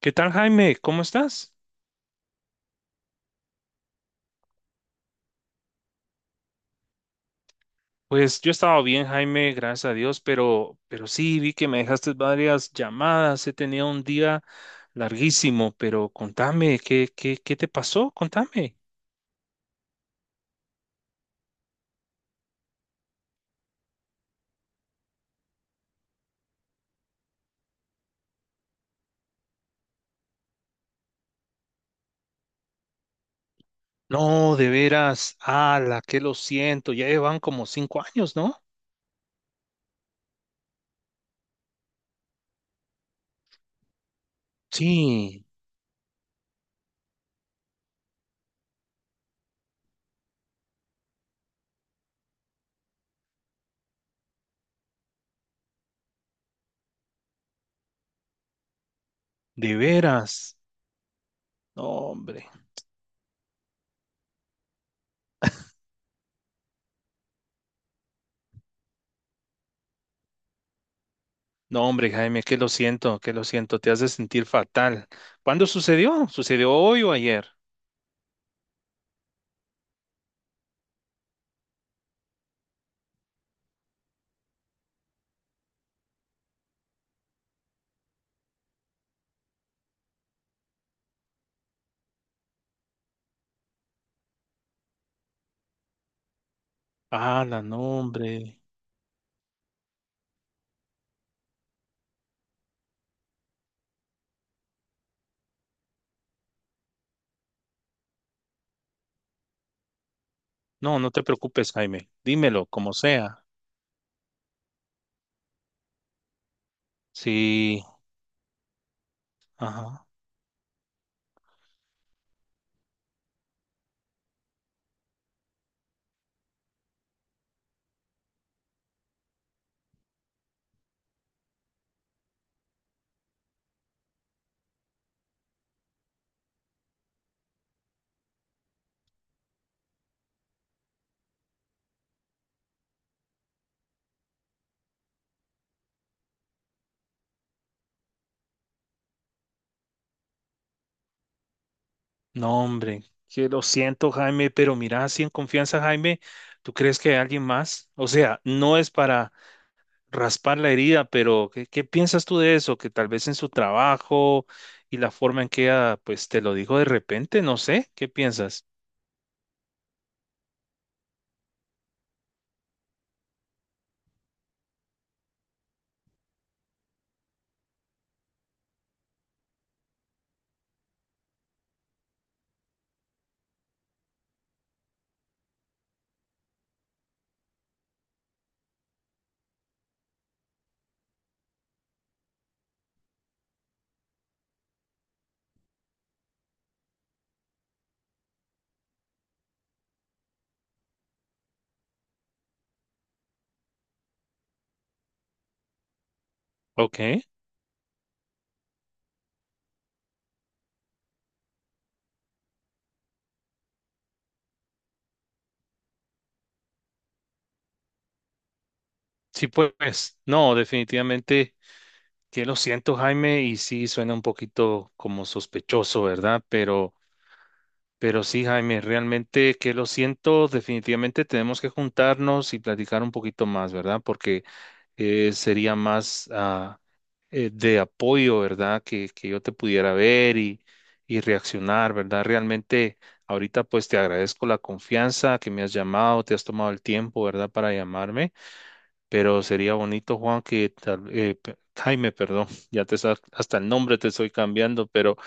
¿Qué tal, Jaime? ¿Cómo estás? Pues yo estaba bien, Jaime, gracias a Dios, pero sí vi que me dejaste varias llamadas. He tenido un día larguísimo, pero contame, ¿qué te pasó? Contame. No, de veras, ala, que lo siento, ya llevan como 5 años, ¿no? Sí, de veras. No, hombre. No, hombre, Jaime, que lo siento, te hace sentir fatal. ¿Cuándo sucedió? ¿Sucedió hoy o ayer? Ala, no, hombre. No, no te preocupes, Jaime. Dímelo, como sea. Sí, ajá. No, hombre, que lo siento, Jaime, pero mira, así en confianza, Jaime, ¿tú crees que hay alguien más? O sea, no es para raspar la herida, pero ¿qué, qué piensas tú de eso? Que tal vez en su trabajo y la forma en que ella, pues, te lo dijo de repente, no sé, ¿qué piensas? Ok, sí, pues, no, definitivamente que lo siento, Jaime, y sí suena un poquito como sospechoso, ¿verdad? Pero sí, Jaime, realmente que lo siento, definitivamente tenemos que juntarnos y platicar un poquito más, ¿verdad? Porque sería más de apoyo, ¿verdad? Que yo te pudiera ver y reaccionar, ¿verdad? Realmente ahorita pues te agradezco la confianza que me has llamado, te has tomado el tiempo, ¿verdad? Para llamarme, pero sería bonito, Juan, que tal- pe- Jaime, perdón, ya te sa- hasta el nombre te estoy cambiando, pero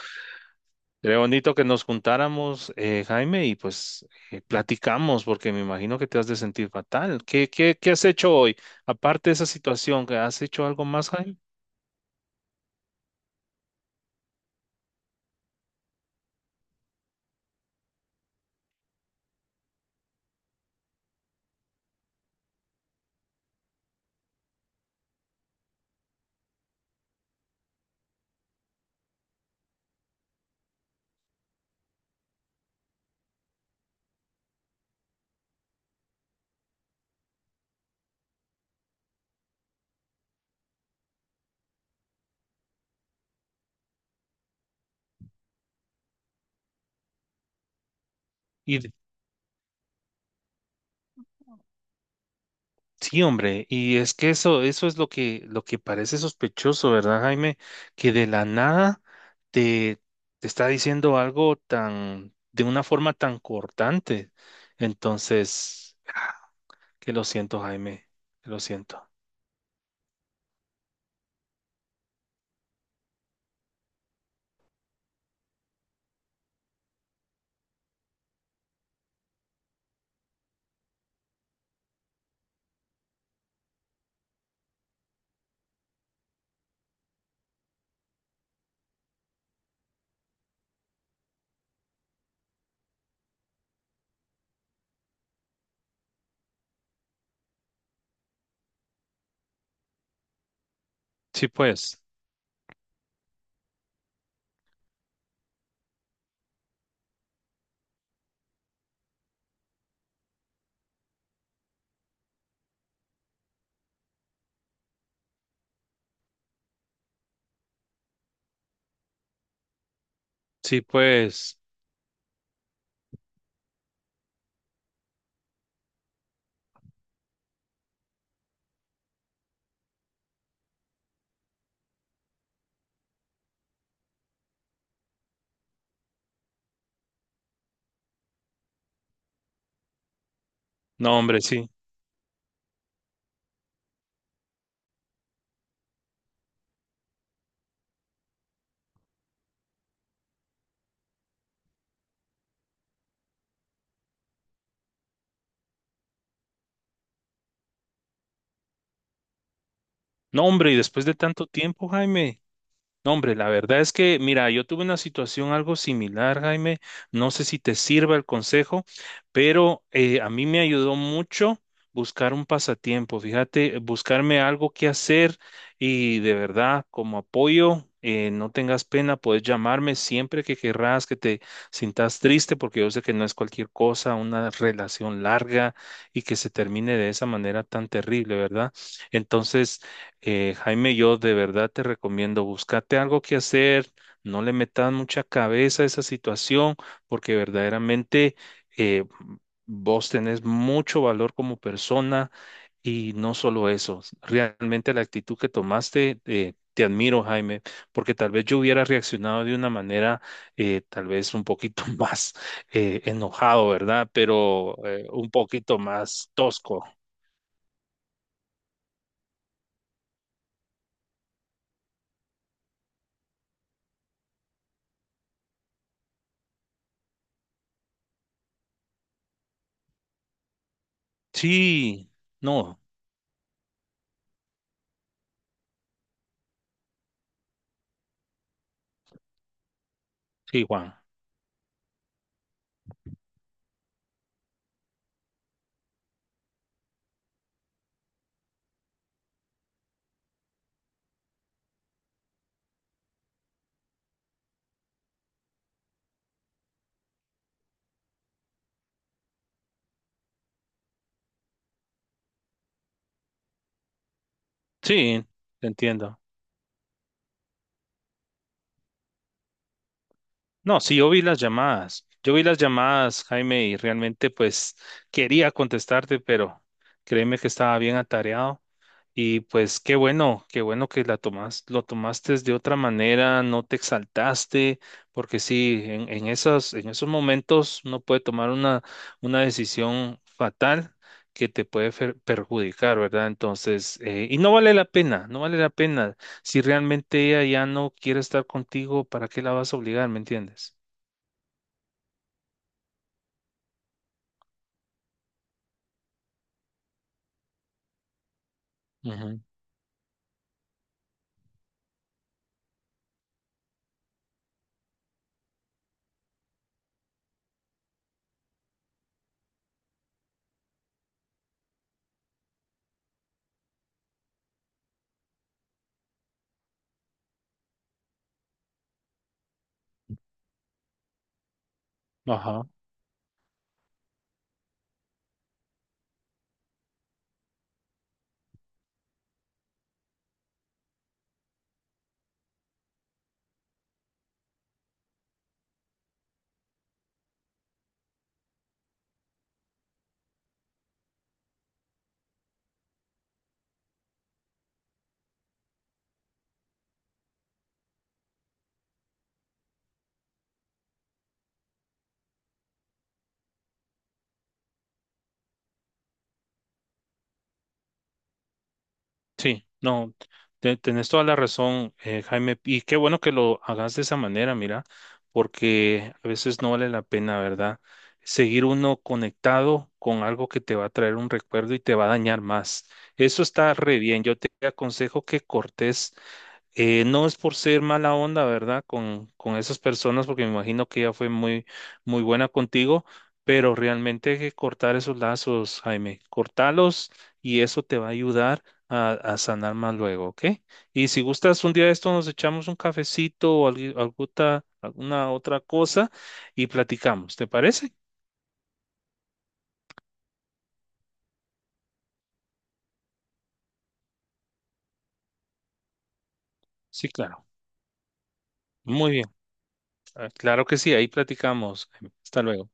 sería bonito que nos juntáramos, Jaime, y pues platicamos, porque me imagino que te has de sentir fatal. ¿Qué has hecho hoy? Aparte de esa situación, ¿que ¿has hecho algo más, Jaime? Y de- sí, hombre, y es que eso es lo que parece sospechoso, ¿verdad, Jaime? Que de la nada te, te está diciendo algo tan, de una forma tan cortante. Entonces, que lo siento, Jaime, que lo siento. Sí, pues, sí, pues. No, hombre, sí. No, hombre, y después de tanto tiempo, Jaime. No, hombre, la verdad es que, mira, yo tuve una situación algo similar, Jaime. No sé si te sirva el consejo, pero a mí me ayudó mucho buscar un pasatiempo. Fíjate, buscarme algo que hacer y de verdad, como apoyo, no tengas pena, puedes llamarme siempre que querrás, que te sintas triste, porque yo sé que no es cualquier cosa, una relación larga y que se termine de esa manera tan terrible, ¿verdad? Entonces, Jaime, yo de verdad te recomiendo, búscate algo que hacer, no le metas mucha cabeza a esa situación, porque verdaderamente eh, vos tenés mucho valor como persona y no solo eso, realmente la actitud que tomaste, te admiro, Jaime, porque tal vez yo hubiera reaccionado de una manera tal vez un poquito más enojado, ¿verdad? Pero un poquito más tosco. Sí, no, sí, Juan. Sí, te entiendo. No, sí, yo vi las llamadas. Yo vi las llamadas, Jaime, y realmente pues quería contestarte, pero créeme que estaba bien atareado. Y pues qué bueno que la tomas, lo tomaste de otra manera, no te exaltaste, porque sí, en esas, en esos momentos uno puede tomar una decisión fatal que te puede fer- perjudicar, ¿verdad? Entonces, y no vale la pena, no vale la pena. Si realmente ella ya no quiere estar contigo, ¿para qué la vas a obligar? ¿Me entiendes? Ujú. Ajá. Sí, no, te- tenés toda la razón, Jaime, y qué bueno que lo hagas de esa manera, mira, porque a veces no vale la pena, ¿verdad? Seguir uno conectado con algo que te va a traer un recuerdo y te va a dañar más. Eso está re bien. Yo te aconsejo que cortes no es por ser mala onda, ¿verdad? Con esas personas, porque me imagino que ella fue muy, muy buena contigo, pero realmente hay que cortar esos lazos, Jaime. Cortalos y eso te va a ayudar a sanar más luego, ¿ok? Y si gustas, un día de esto nos echamos un cafecito o algu- alguta- alguna otra cosa y platicamos, ¿te parece? Sí, claro. Muy bien. Ah, claro que sí, ahí platicamos. Jaime. Hasta luego.